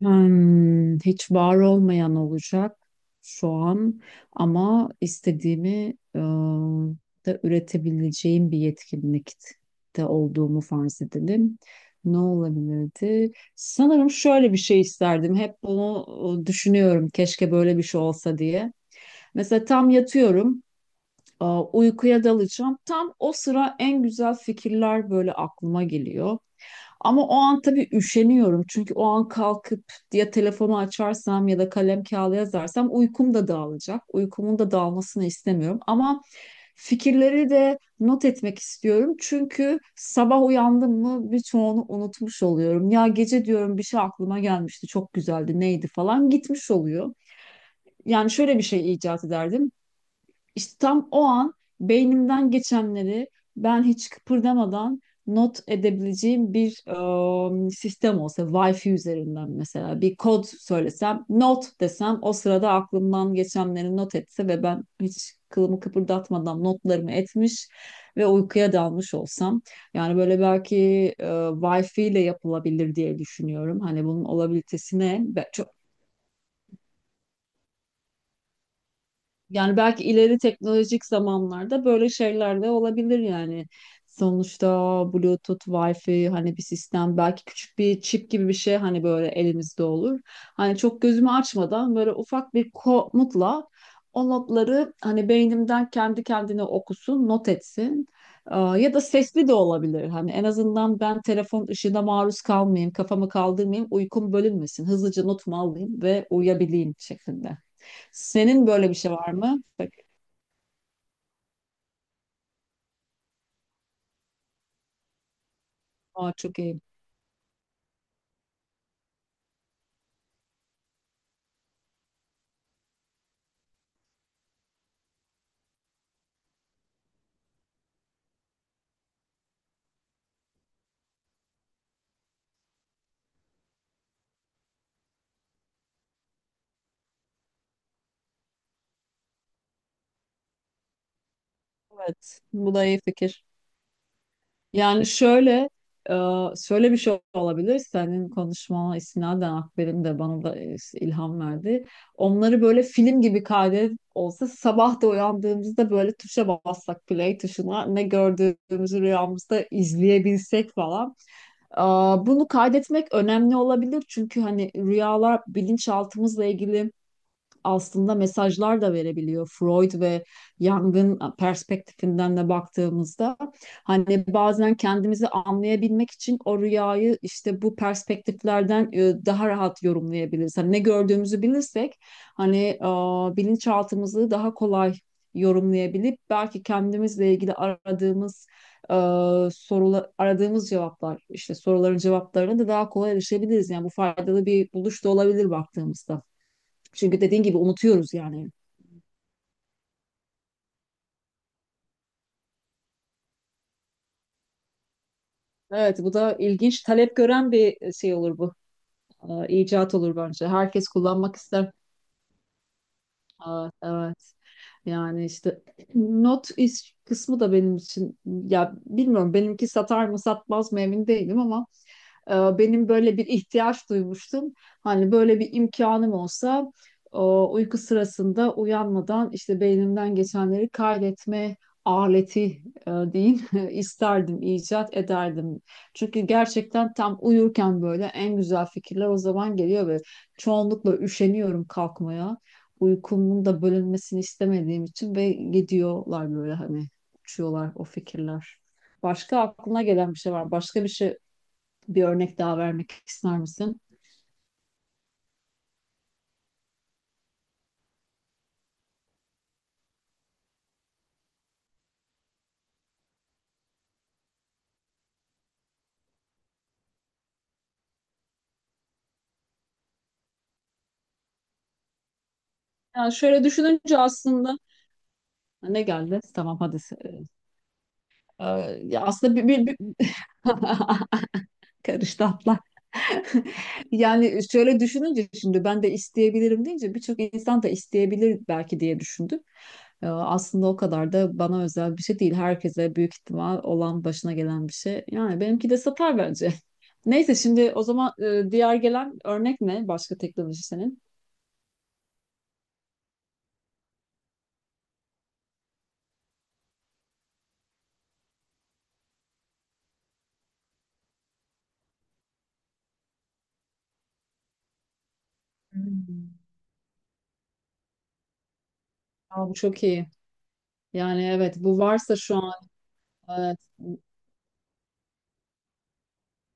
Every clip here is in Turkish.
Hiç var olmayan olacak şu an, ama istediğimi e, da üretebileceğim bir yetkinlikte olduğumu farz edelim. Ne olabilirdi? Sanırım şöyle bir şey isterdim. Hep bunu düşünüyorum. Keşke böyle bir şey olsa diye. Mesela tam yatıyorum, uykuya dalacağım. Tam o sıra en güzel fikirler böyle aklıma geliyor. Ama o an tabii üşeniyorum. Çünkü o an kalkıp ya telefonu açarsam ya da kalem kağıda yazarsam uykum da dağılacak. Uykumun da dağılmasını istemiyorum. Ama fikirleri de not etmek istiyorum. Çünkü sabah uyandım mı birçoğunu unutmuş oluyorum. Ya gece diyorum bir şey aklıma gelmişti, çok güzeldi, neydi falan gitmiş oluyor. Yani şöyle bir şey icat ederdim. İşte tam o an beynimden geçenleri ben hiç kıpırdamadan not edebileceğim bir sistem olsa, Wi-Fi üzerinden mesela bir kod söylesem, not desem o sırada aklımdan geçenleri not etse ve ben hiç kılımı kıpırdatmadan notlarımı etmiş ve uykuya dalmış olsam. Yani böyle belki Wi-Fi ile yapılabilir diye düşünüyorum. Hani bunun olabilitesi ne? Yani belki ileri teknolojik zamanlarda böyle şeyler de olabilir yani. Sonuçta Bluetooth, Wi-Fi hani bir sistem belki küçük bir çip gibi bir şey hani böyle elimizde olur. Hani çok gözümü açmadan böyle ufak bir komutla o notları hani beynimden kendi kendine okusun, not etsin. Aa, ya da sesli de olabilir. Hani en azından ben telefon ışığına maruz kalmayayım, kafamı kaldırmayayım, uykum bölünmesin. Hızlıca notumu alayım ve uyuyabileyim şeklinde. Senin böyle bir şey var mı? Bak, aa, çok iyi. Evet, bu da iyi fikir. Yani şöyle, e, şöyle bir şey olabilir. Senin konuşmana istinaden Akber'in de bana da ilham verdi. Onları böyle film gibi kaydet olsa sabah da uyandığımızda böyle tuşa bassak play tuşuna ne gördüğümüzü rüyamızda izleyebilsek falan. Aa, bunu kaydetmek önemli olabilir çünkü hani rüyalar bilinçaltımızla ilgili aslında mesajlar da verebiliyor. Freud ve Jung'ın perspektifinden de baktığımızda hani bazen kendimizi anlayabilmek için o rüyayı işte bu perspektiflerden daha rahat yorumlayabiliriz. Hani ne gördüğümüzü bilirsek hani bilinçaltımızı daha kolay yorumlayabilip belki kendimizle ilgili aradığımız e, sorular aradığımız cevaplar işte soruların cevaplarına da daha kolay erişebiliriz. Yani bu faydalı bir buluş da olabilir baktığımızda. Çünkü dediğin gibi unutuyoruz yani. Evet, bu da ilginç. Talep gören bir şey olur bu. İcat olur bence. Herkes kullanmak ister. Evet, evet. Yani işte not is kısmı da benim için ya bilmiyorum benimki satar mı satmaz mı emin değilim ama benim böyle bir ihtiyaç duymuştum. Hani böyle bir imkanım olsa o uyku sırasında uyanmadan işte beynimden geçenleri kaydetme aleti diyeyim isterdim, icat ederdim. Çünkü gerçekten tam uyurken böyle en güzel fikirler o zaman geliyor ve çoğunlukla üşeniyorum kalkmaya. Uykumun da bölünmesini istemediğim için ve gidiyorlar böyle hani uçuyorlar o fikirler. Başka aklına gelen bir şey var. Başka bir şey Bir örnek daha vermek ister misin? Yani şöyle düşününce aslında ne geldi? Tamam hadi. Ee, e, ya aslında bir... karıştı atlar. Yani şöyle düşününce şimdi ben de isteyebilirim deyince birçok insan da isteyebilir belki diye düşündüm. Aslında o kadar da bana özel bir şey değil. Herkese büyük ihtimal olan başına gelen bir şey. Yani benimki de satar bence. Neyse şimdi o zaman diğer gelen örnek ne? Başka teknoloji senin. Hmm. Aa, bu çok iyi. Yani evet bu varsa şu an, evet,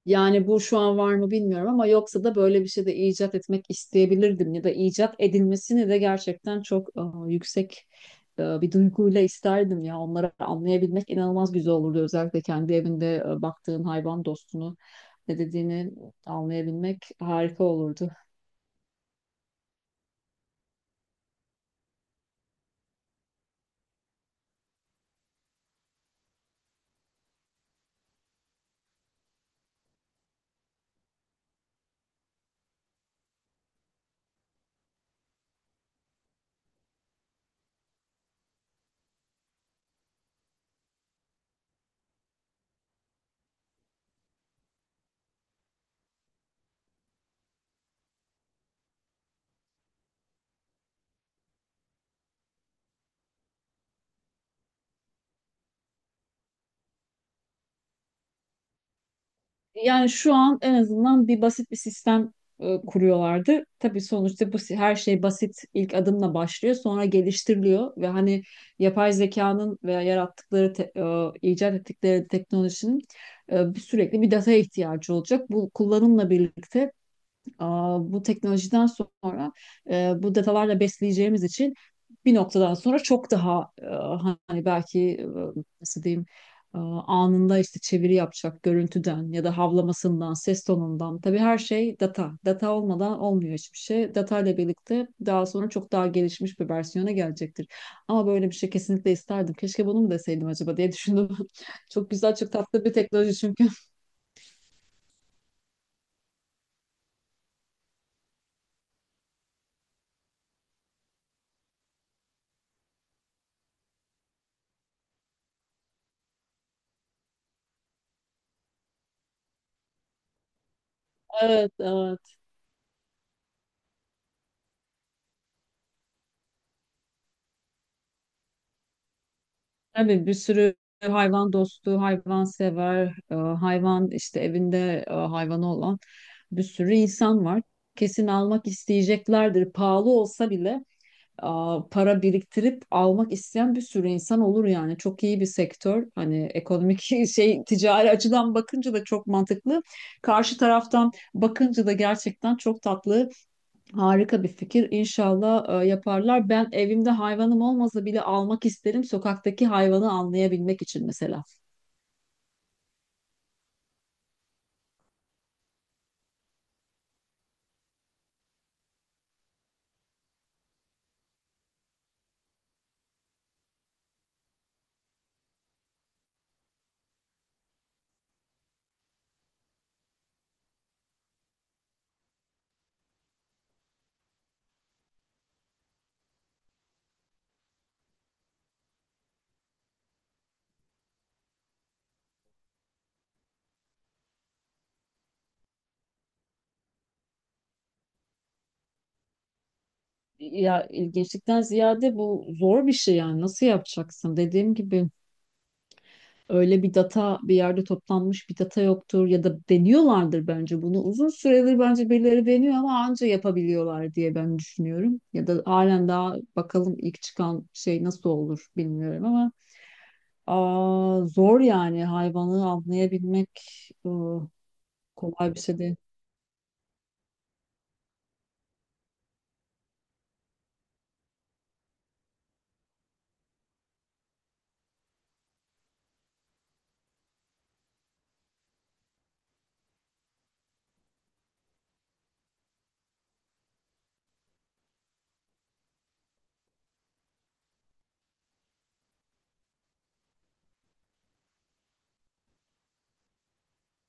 yani bu şu an var mı bilmiyorum ama yoksa da böyle bir şey de icat etmek isteyebilirdim ya da icat edilmesini de gerçekten çok yüksek bir duyguyla isterdim ya, onları anlayabilmek inanılmaz güzel olurdu, özellikle kendi evinde baktığın hayvan dostunu ne dediğini anlayabilmek harika olurdu. Yani şu an en azından bir basit bir sistem kuruyorlardı. Tabii sonuçta her şey basit ilk adımla başlıyor, sonra geliştiriliyor ve hani yapay zekanın veya icat ettikleri teknolojinin sürekli bir data ihtiyacı olacak. Bu kullanımla birlikte, aa, bu teknolojiden sonra bu datalarla besleyeceğimiz için bir noktadan sonra çok daha hani belki nasıl diyeyim anında işte çeviri yapacak görüntüden ya da havlamasından, ses tonundan. Tabii her şey data. Data olmadan olmuyor hiçbir şey. Data ile birlikte daha sonra çok daha gelişmiş bir versiyona gelecektir. Ama böyle bir şey kesinlikle isterdim. Keşke bunu mu deseydim acaba diye düşündüm. Çok güzel, çok tatlı bir teknoloji çünkü. Evet, evet. Tabii bir sürü hayvan dostu, hayvan sever, hayvan işte evinde hayvanı olan bir sürü insan var. Kesin almak isteyeceklerdir. Pahalı olsa bile e, para biriktirip almak isteyen bir sürü insan olur yani. Çok iyi bir sektör. Hani ekonomik şey, ticari açıdan bakınca da çok mantıklı. Karşı taraftan bakınca da gerçekten çok tatlı. Harika bir fikir. İnşallah yaparlar. Ben evimde hayvanım olmasa bile almak isterim. Sokaktaki hayvanı anlayabilmek için mesela. Ya ilginçlikten ziyade bu zor bir şey yani. Nasıl yapacaksın? Dediğim gibi öyle bir data, bir yerde toplanmış bir data yoktur ya da deniyorlardır bence bunu. Uzun süredir bence birileri deniyor ama anca yapabiliyorlar diye ben düşünüyorum. Ya da halen daha bakalım, ilk çıkan şey nasıl olur bilmiyorum ama, zor yani, hayvanı avlayabilmek ıı, kolay bir şey değil.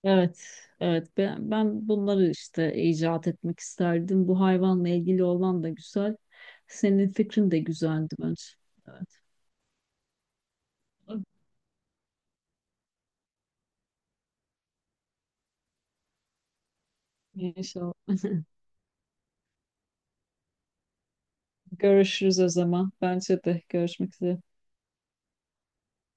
Evet, evet. Ben bunları işte icat etmek isterdim. Bu hayvanla ilgili olan da güzel. Senin fikrin de güzeldi bence. Evet. İnşallah. Görüşürüz o zaman. Bence de görüşmek üzere.